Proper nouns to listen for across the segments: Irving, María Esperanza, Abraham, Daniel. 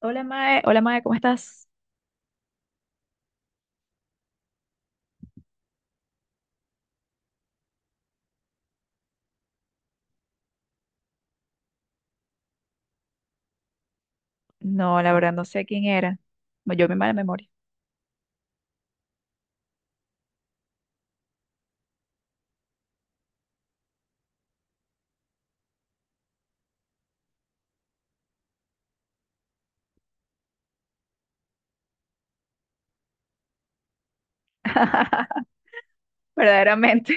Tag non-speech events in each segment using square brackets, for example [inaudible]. Hola Mae, ¿cómo estás? No, la verdad no sé quién era. No, yo me mala memoria. [laughs] Verdaderamente.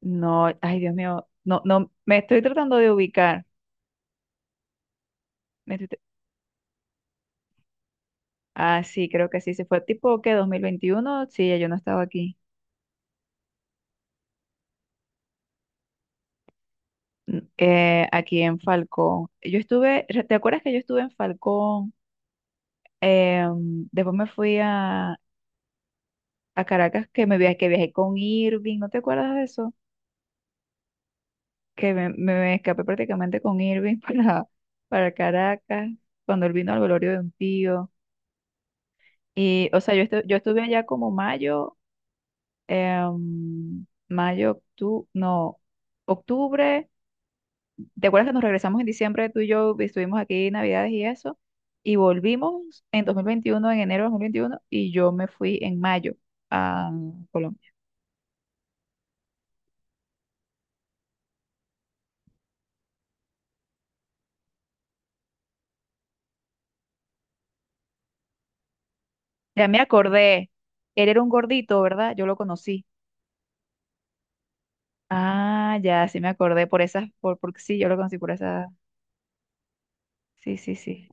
No, ay Dios mío, no, no, me estoy tratando de ubicar. Me estoy tra- ah, sí, creo que sí, se fue tipo que 2021. Sí, ya yo no estaba aquí. Aquí en Falcón. ¿Te acuerdas que yo estuve en Falcón? Después me fui a Caracas que viajé con Irving, ¿no te acuerdas de eso? Que me escapé prácticamente con Irving [laughs] para Caracas, cuando él vino al velorio de un tío. Y, o sea, yo estuve allá como mayo, mayo, octubre, no, octubre. ¿Te acuerdas que nos regresamos en diciembre, tú y yo y estuvimos aquí Navidades y eso? Y volvimos en 2021 en enero de 2021 y yo me fui en mayo a Colombia. Ya me acordé, él era un gordito, ¿verdad? Yo lo conocí. Ah, ya, sí me acordé por esas, porque sí, yo lo conocí por esas. Sí, sí, sí.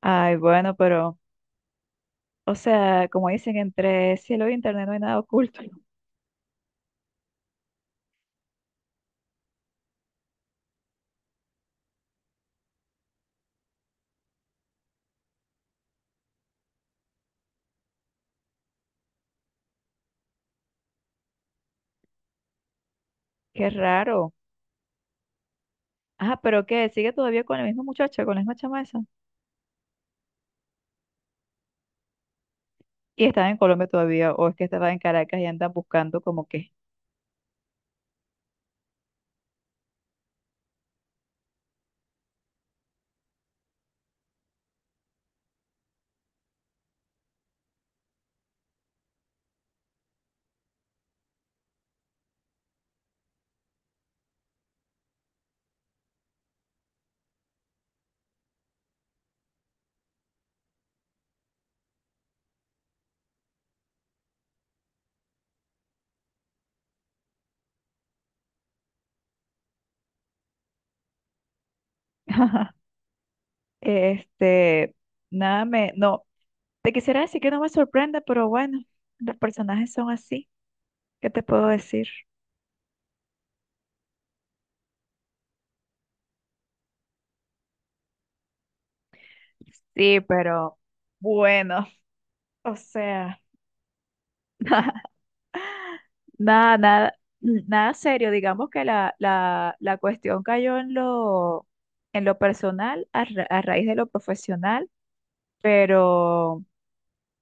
Ay, bueno, pero, o sea, como dicen, entre cielo y internet no hay nada oculto. [laughs] Qué raro. Ah, pero qué, sigue todavía con la misma chama esa. Y estaba en Colombia todavía, o es que estaba en Caracas y andan buscando como que. [laughs] Este, nada me, no, te quisiera decir que no me sorprende, pero bueno, los personajes son así. ¿Qué te puedo decir? Sí, pero bueno, o sea. [laughs] Nada, nada, nada serio. Digamos que la cuestión cayó en lo personal a raíz de lo profesional, pero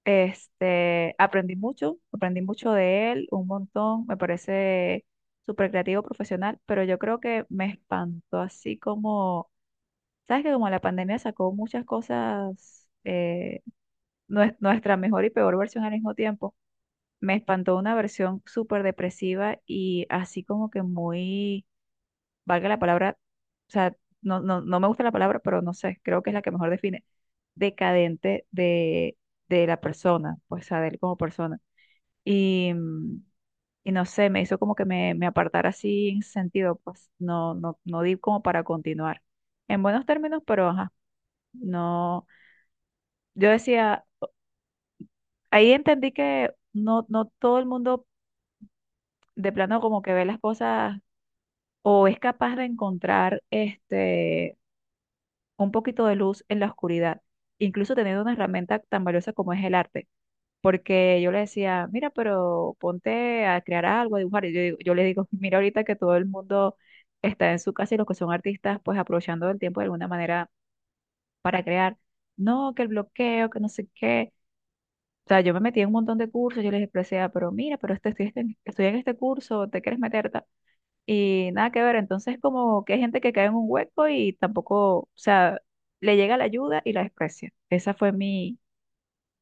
aprendí mucho de él, un montón. Me parece súper creativo profesional, pero yo creo que me espantó así como, ¿sabes que como la pandemia sacó muchas cosas, nuestra mejor y peor versión al mismo tiempo? Me espantó una versión súper depresiva y así como que muy, valga la palabra, o sea, no, no, no me gusta la palabra, pero no sé, creo que es la que mejor define, decadente de la persona, pues, o sea, de él como persona. Y, y no sé, me hizo como que me apartara así en ese sentido, pues, no, no, no di como para continuar. En buenos términos, pero ajá, no, yo decía, ahí entendí que no, no todo el mundo de plano como que ve las cosas o es capaz de encontrar un poquito de luz en la oscuridad, incluso teniendo una herramienta tan valiosa como es el arte. Porque yo le decía, mira, pero ponte a crear algo, a dibujar. Y yo le digo, mira, ahorita que todo el mundo está en su casa y los que son artistas, pues aprovechando el tiempo de alguna manera para crear. No, que el bloqueo, que no sé qué. O sea, yo me metí en un montón de cursos, yo les decía, pero mira, pero estoy en este curso, ¿te quieres meter? Y nada que ver, entonces como que hay gente que cae en un hueco y tampoco, o sea, le llega la ayuda y la desprecia. Esa fue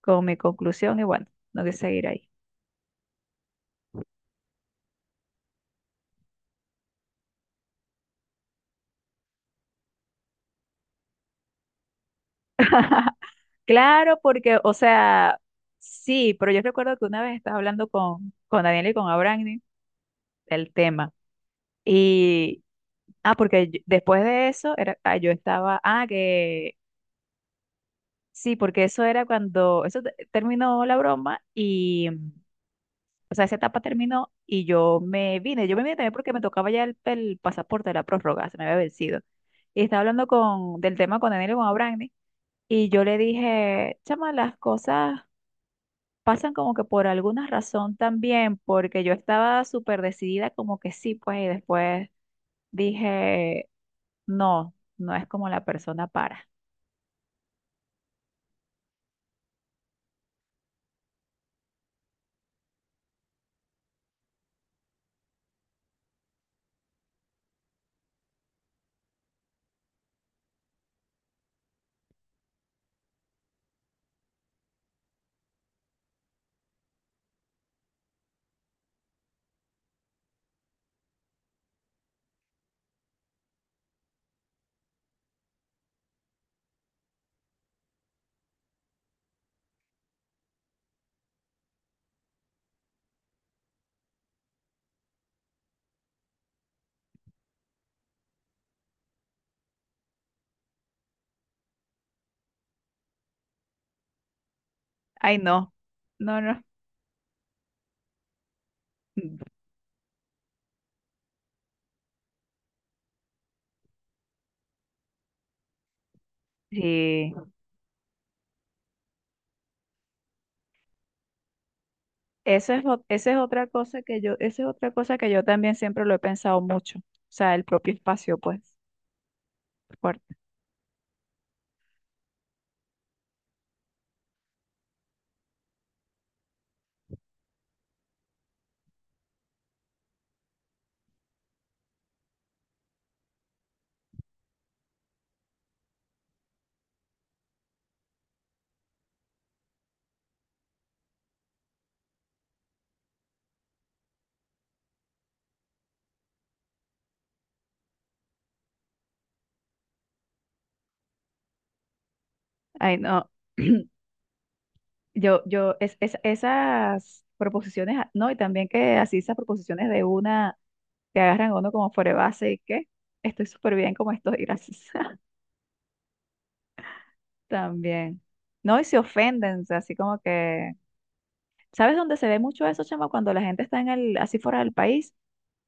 como mi conclusión y bueno, no que seguir ahí. Claro, porque, o sea, sí, pero yo recuerdo que una vez estaba hablando con Daniel y con Abraham del tema. Y, ah, porque después de eso, era, ah, yo estaba, ah, que sí, porque eso era cuando, terminó la broma. O sea, esa etapa terminó y yo me vine. Yo me vine también porque me tocaba ya el pasaporte de la prórroga, se me había vencido. Y estaba hablando del tema con Daniel y con Abrani. Y yo le dije, chama, las cosas pasan como que por alguna razón también, porque yo estaba súper decidida como que sí, pues, y después dije, no, no es como la persona para. Ay, no, no, no. [laughs] Sí. Esa es otra cosa que yo también siempre lo he pensado mucho. O sea, el propio espacio, pues, fuerte. Ay, no. [clears throat] Esas proposiciones, ah, no, y también que así esas proposiciones de una, que agarran a uno como fuera de base y que estoy súper bien como estoy, gracias. [laughs] También. No, y se ofenden, o sea, así como que. ¿Sabes dónde se ve mucho eso, chama? Cuando la gente está así fuera del país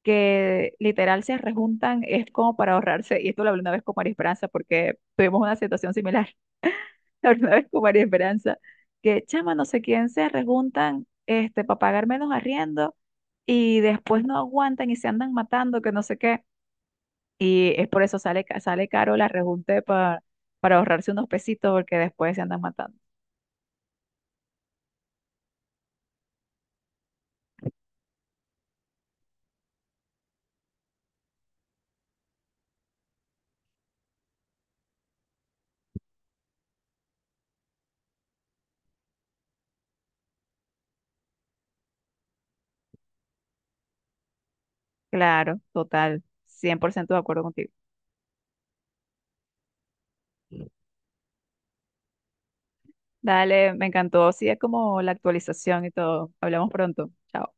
que literal se rejuntan, es como para ahorrarse, y esto lo hablé una vez con María Esperanza, porque tuvimos una situación similar, [laughs] la hablé una vez con María Esperanza, que chama, no sé quién se rejuntan para pagar menos arriendo, y después no aguantan y se andan matando, que no sé qué, y es por eso sale caro la rejunte para ahorrarse unos pesitos, porque después se andan matando. Claro, total, 100% de acuerdo contigo. Dale, me encantó, sí, es como la actualización y todo. Hablamos pronto. Chao.